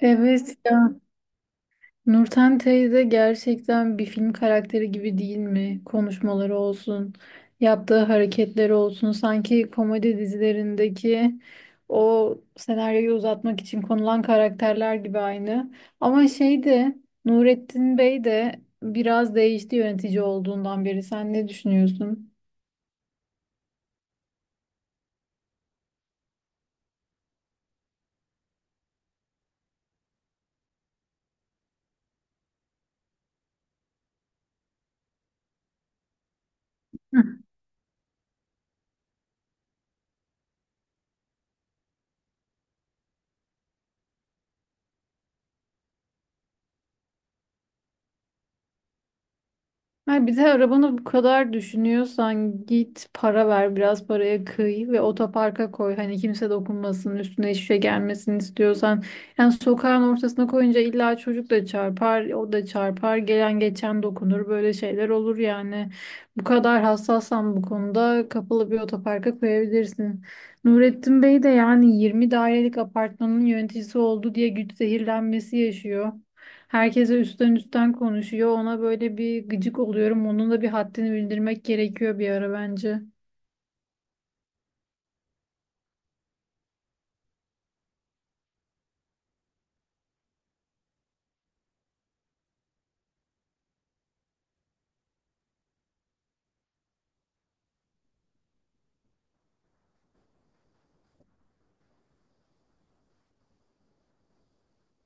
Evet ya, Nurten teyze gerçekten bir film karakteri gibi değil mi? Konuşmaları olsun, yaptığı hareketleri olsun. Sanki komedi dizilerindeki o senaryoyu uzatmak için konulan karakterler gibi aynı. Ama şey de Nurettin Bey de biraz değişti yönetici olduğundan beri. Sen ne düşünüyorsun? Ha, bir de arabanı bu kadar düşünüyorsan git para ver, biraz paraya kıy ve otoparka koy. Hani kimse dokunmasın, üstüne hiçbir şey gelmesin istiyorsan. Yani sokağın ortasına koyunca illa çocuk da çarpar, o da çarpar, gelen geçen dokunur, böyle şeyler olur yani. Bu kadar hassassan bu konuda kapalı bir otoparka koyabilirsin. Nurettin Bey de yani 20 dairelik apartmanın yöneticisi oldu diye güç zehirlenmesi yaşıyor. Herkese üstten üstten konuşuyor. Ona böyle bir gıcık oluyorum. Onun da bir haddini bildirmek gerekiyor bir ara bence.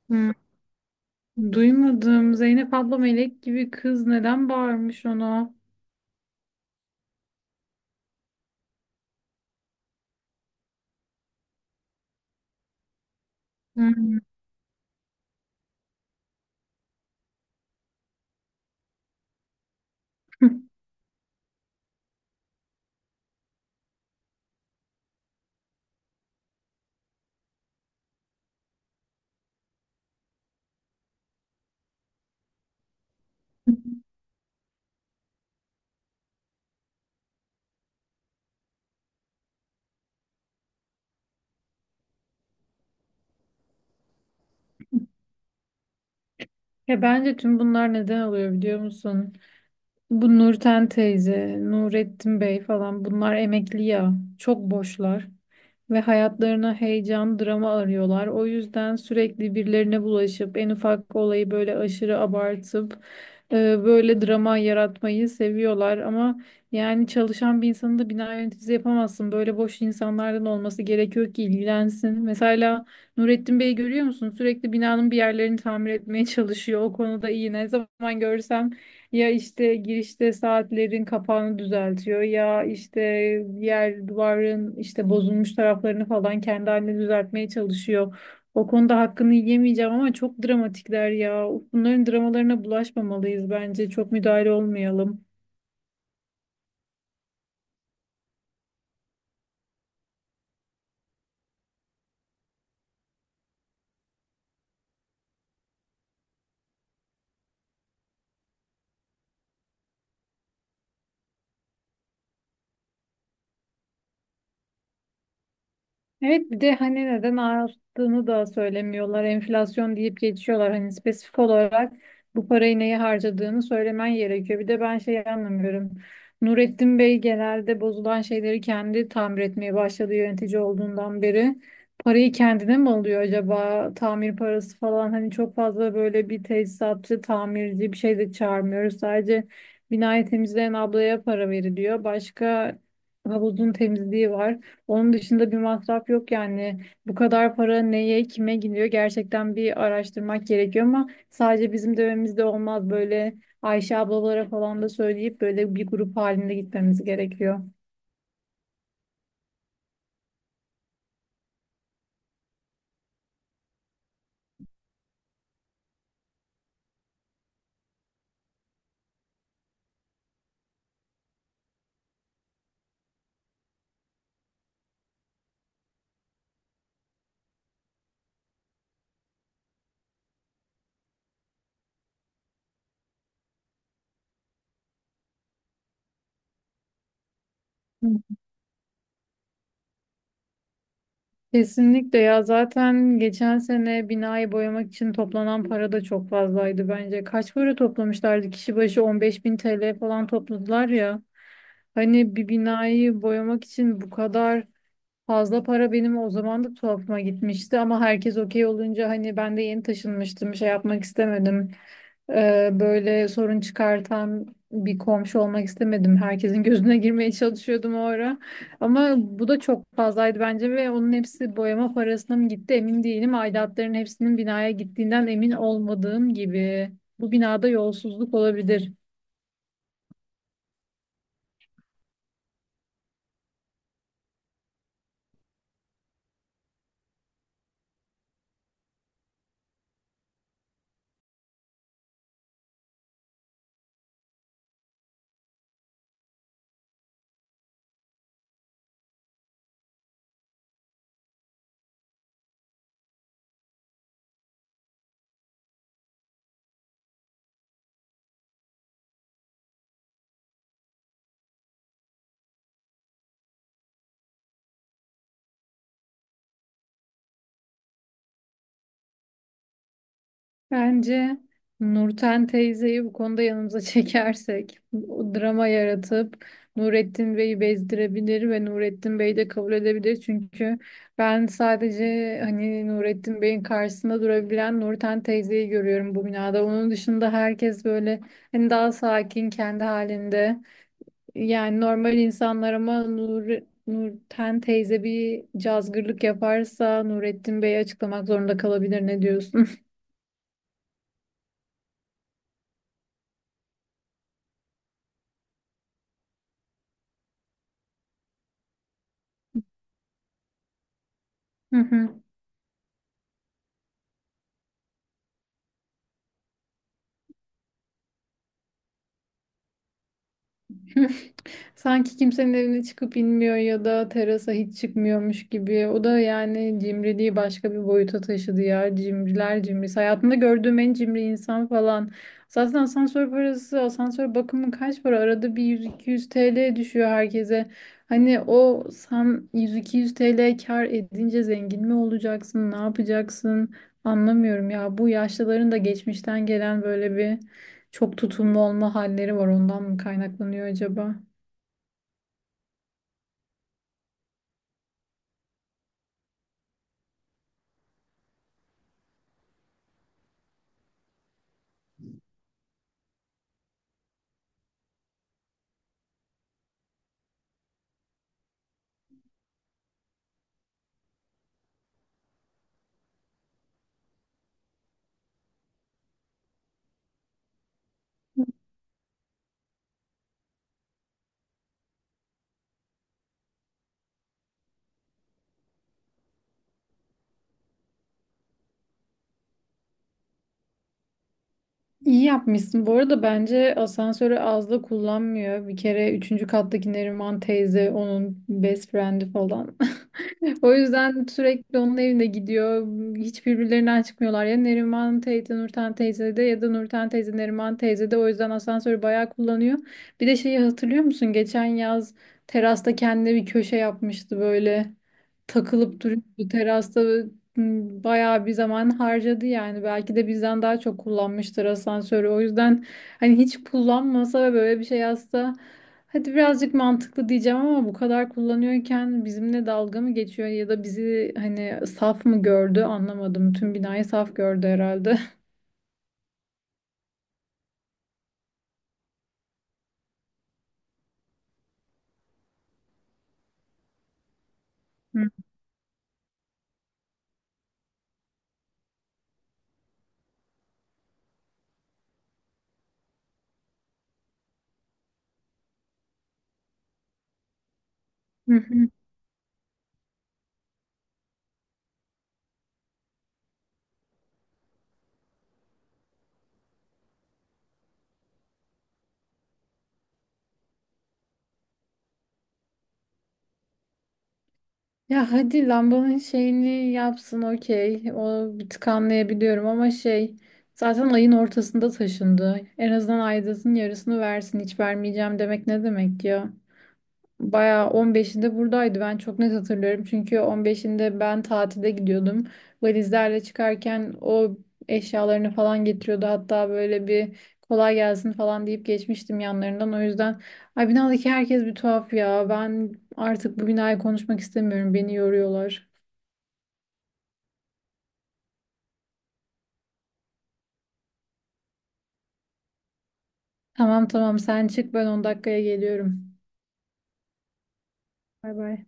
Hmm. Duymadım. Zeynep abla melek gibi kız, neden bağırmış ona? Hmm. Ya bence tüm bunlar neden oluyor biliyor musun? Bu Nurten teyze, Nurettin Bey falan bunlar emekli ya. Çok boşlar Ve hayatlarına heyecan, drama arıyorlar. O yüzden sürekli birilerine bulaşıp en ufak olayı böyle aşırı abartıp böyle drama yaratmayı seviyorlar. Ama yani çalışan bir insanı da bina yöneticisi yapamazsın. Böyle boş insanlardan olması gerekiyor ki ilgilensin. Mesela Nurettin Bey'i görüyor musun? Sürekli binanın bir yerlerini tamir etmeye çalışıyor. O konuda iyi. Ne zaman görsem ya işte girişte saatlerin kapağını düzeltiyor, ya işte yer duvarın işte bozulmuş taraflarını falan kendi haline düzeltmeye çalışıyor. O konuda hakkını yemeyeceğim ama çok dramatikler ya. Bunların dramalarına bulaşmamalıyız bence. Çok müdahale olmayalım. Evet, bir de hani neden arttığını da söylemiyorlar. Enflasyon deyip geçiyorlar. Hani spesifik olarak bu parayı neye harcadığını söylemen gerekiyor. Bir de ben şey anlamıyorum. Nurettin Bey genelde bozulan şeyleri kendi tamir etmeye başladı yönetici olduğundan beri. Parayı kendine mi alıyor acaba? Tamir parası falan, hani çok fazla böyle bir tesisatçı, tamirci bir şey de çağırmıyoruz. Sadece binayı temizleyen ablaya para veriliyor. Başka havuzun temizliği var. Onun dışında bir masraf yok yani. Bu kadar para neye, kime gidiyor gerçekten bir araştırmak gerekiyor ama sadece bizim dönemimizde olmaz. Böyle Ayşe ablalara falan da söyleyip böyle bir grup halinde gitmemiz gerekiyor. Hı. Kesinlikle ya, zaten geçen sene binayı boyamak için toplanan para da çok fazlaydı bence. Kaç para toplamışlardı? Kişi başı 15 bin TL falan topladılar ya. Hani bir binayı boyamak için bu kadar fazla para benim o zaman da tuhafıma gitmişti ama herkes okey olunca hani ben de yeni taşınmıştım, şey yapmak istemedim. Böyle sorun çıkartan bir komşu olmak istemedim. Herkesin gözüne girmeye çalışıyordum o ara. Ama bu da çok fazlaydı bence ve onun hepsi boyama parasına mı gitti emin değilim. Aidatların hepsinin binaya gittiğinden emin olmadığım gibi. Bu binada yolsuzluk olabilir. Bence Nurten teyzeyi bu konuda yanımıza çekersek, o drama yaratıp Nurettin Bey'i bezdirebilir ve Nurettin Bey de kabul edebilir. Çünkü ben sadece hani Nurettin Bey'in karşısında durabilen Nurten teyzeyi görüyorum bu binada. Onun dışında herkes böyle hani daha sakin kendi halinde. Yani normal insanlar ama Nurten teyze bir cazgırlık yaparsa Nurettin Bey'i açıklamak zorunda kalabilir. Ne diyorsun? Hı hı. Sanki kimsenin evine çıkıp inmiyor ya da terasa hiç çıkmıyormuş gibi. O da yani cimriliği başka bir boyuta taşıdı ya. Cimriler cimrisi. Hayatımda gördüğüm en cimri insan falan. Zaten asansör parası, asansör bakımı kaç para? Arada bir 100-200 TL düşüyor herkese. Hani o sen 100-200 TL kar edince zengin mi olacaksın? Ne yapacaksın? Anlamıyorum ya. Bu yaşlıların da geçmişten gelen böyle bir çok tutumlu olma halleri var, ondan mı kaynaklanıyor acaba? İyi yapmışsın. Bu arada bence asansörü az da kullanmıyor. Bir kere üçüncü kattaki Neriman teyze onun best friend'i falan. O yüzden sürekli onun evine gidiyor. Hiç birbirlerinden çıkmıyorlar. Ya Neriman teyze Nurten teyze de, ya da Nurten teyze Neriman teyze de. O yüzden asansörü bayağı kullanıyor. Bir de şeyi hatırlıyor musun? Geçen yaz terasta kendine bir köşe yapmıştı böyle. Takılıp duruyordu terasta. Bayağı bir zaman harcadı yani, belki de bizden daha çok kullanmıştır asansörü. O yüzden hani hiç kullanmasa ve böyle bir şey yazsa hadi birazcık mantıklı diyeceğim ama bu kadar kullanıyorken bizimle dalga mı geçiyor ya da bizi hani saf mı gördü, anlamadım, tüm binayı saf gördü herhalde. Ya hadi lambanın şeyini yapsın, okey. O bir tık anlayabiliyorum ama şey, zaten ayın ortasında taşındı. En azından aidatın yarısını versin. Hiç vermeyeceğim demek ne demek ya? Bayağı 15'inde buradaydı. Ben çok net hatırlıyorum. Çünkü 15'inde ben tatile gidiyordum. Valizlerle çıkarken o eşyalarını falan getiriyordu. Hatta böyle bir kolay gelsin falan deyip geçmiştim yanlarından. O yüzden ay, binadaki herkes bir tuhaf ya. Ben artık bu binayı konuşmak istemiyorum. Beni yoruyorlar. Tamam tamam, sen çık, ben 10 dakikaya geliyorum. Bay bay.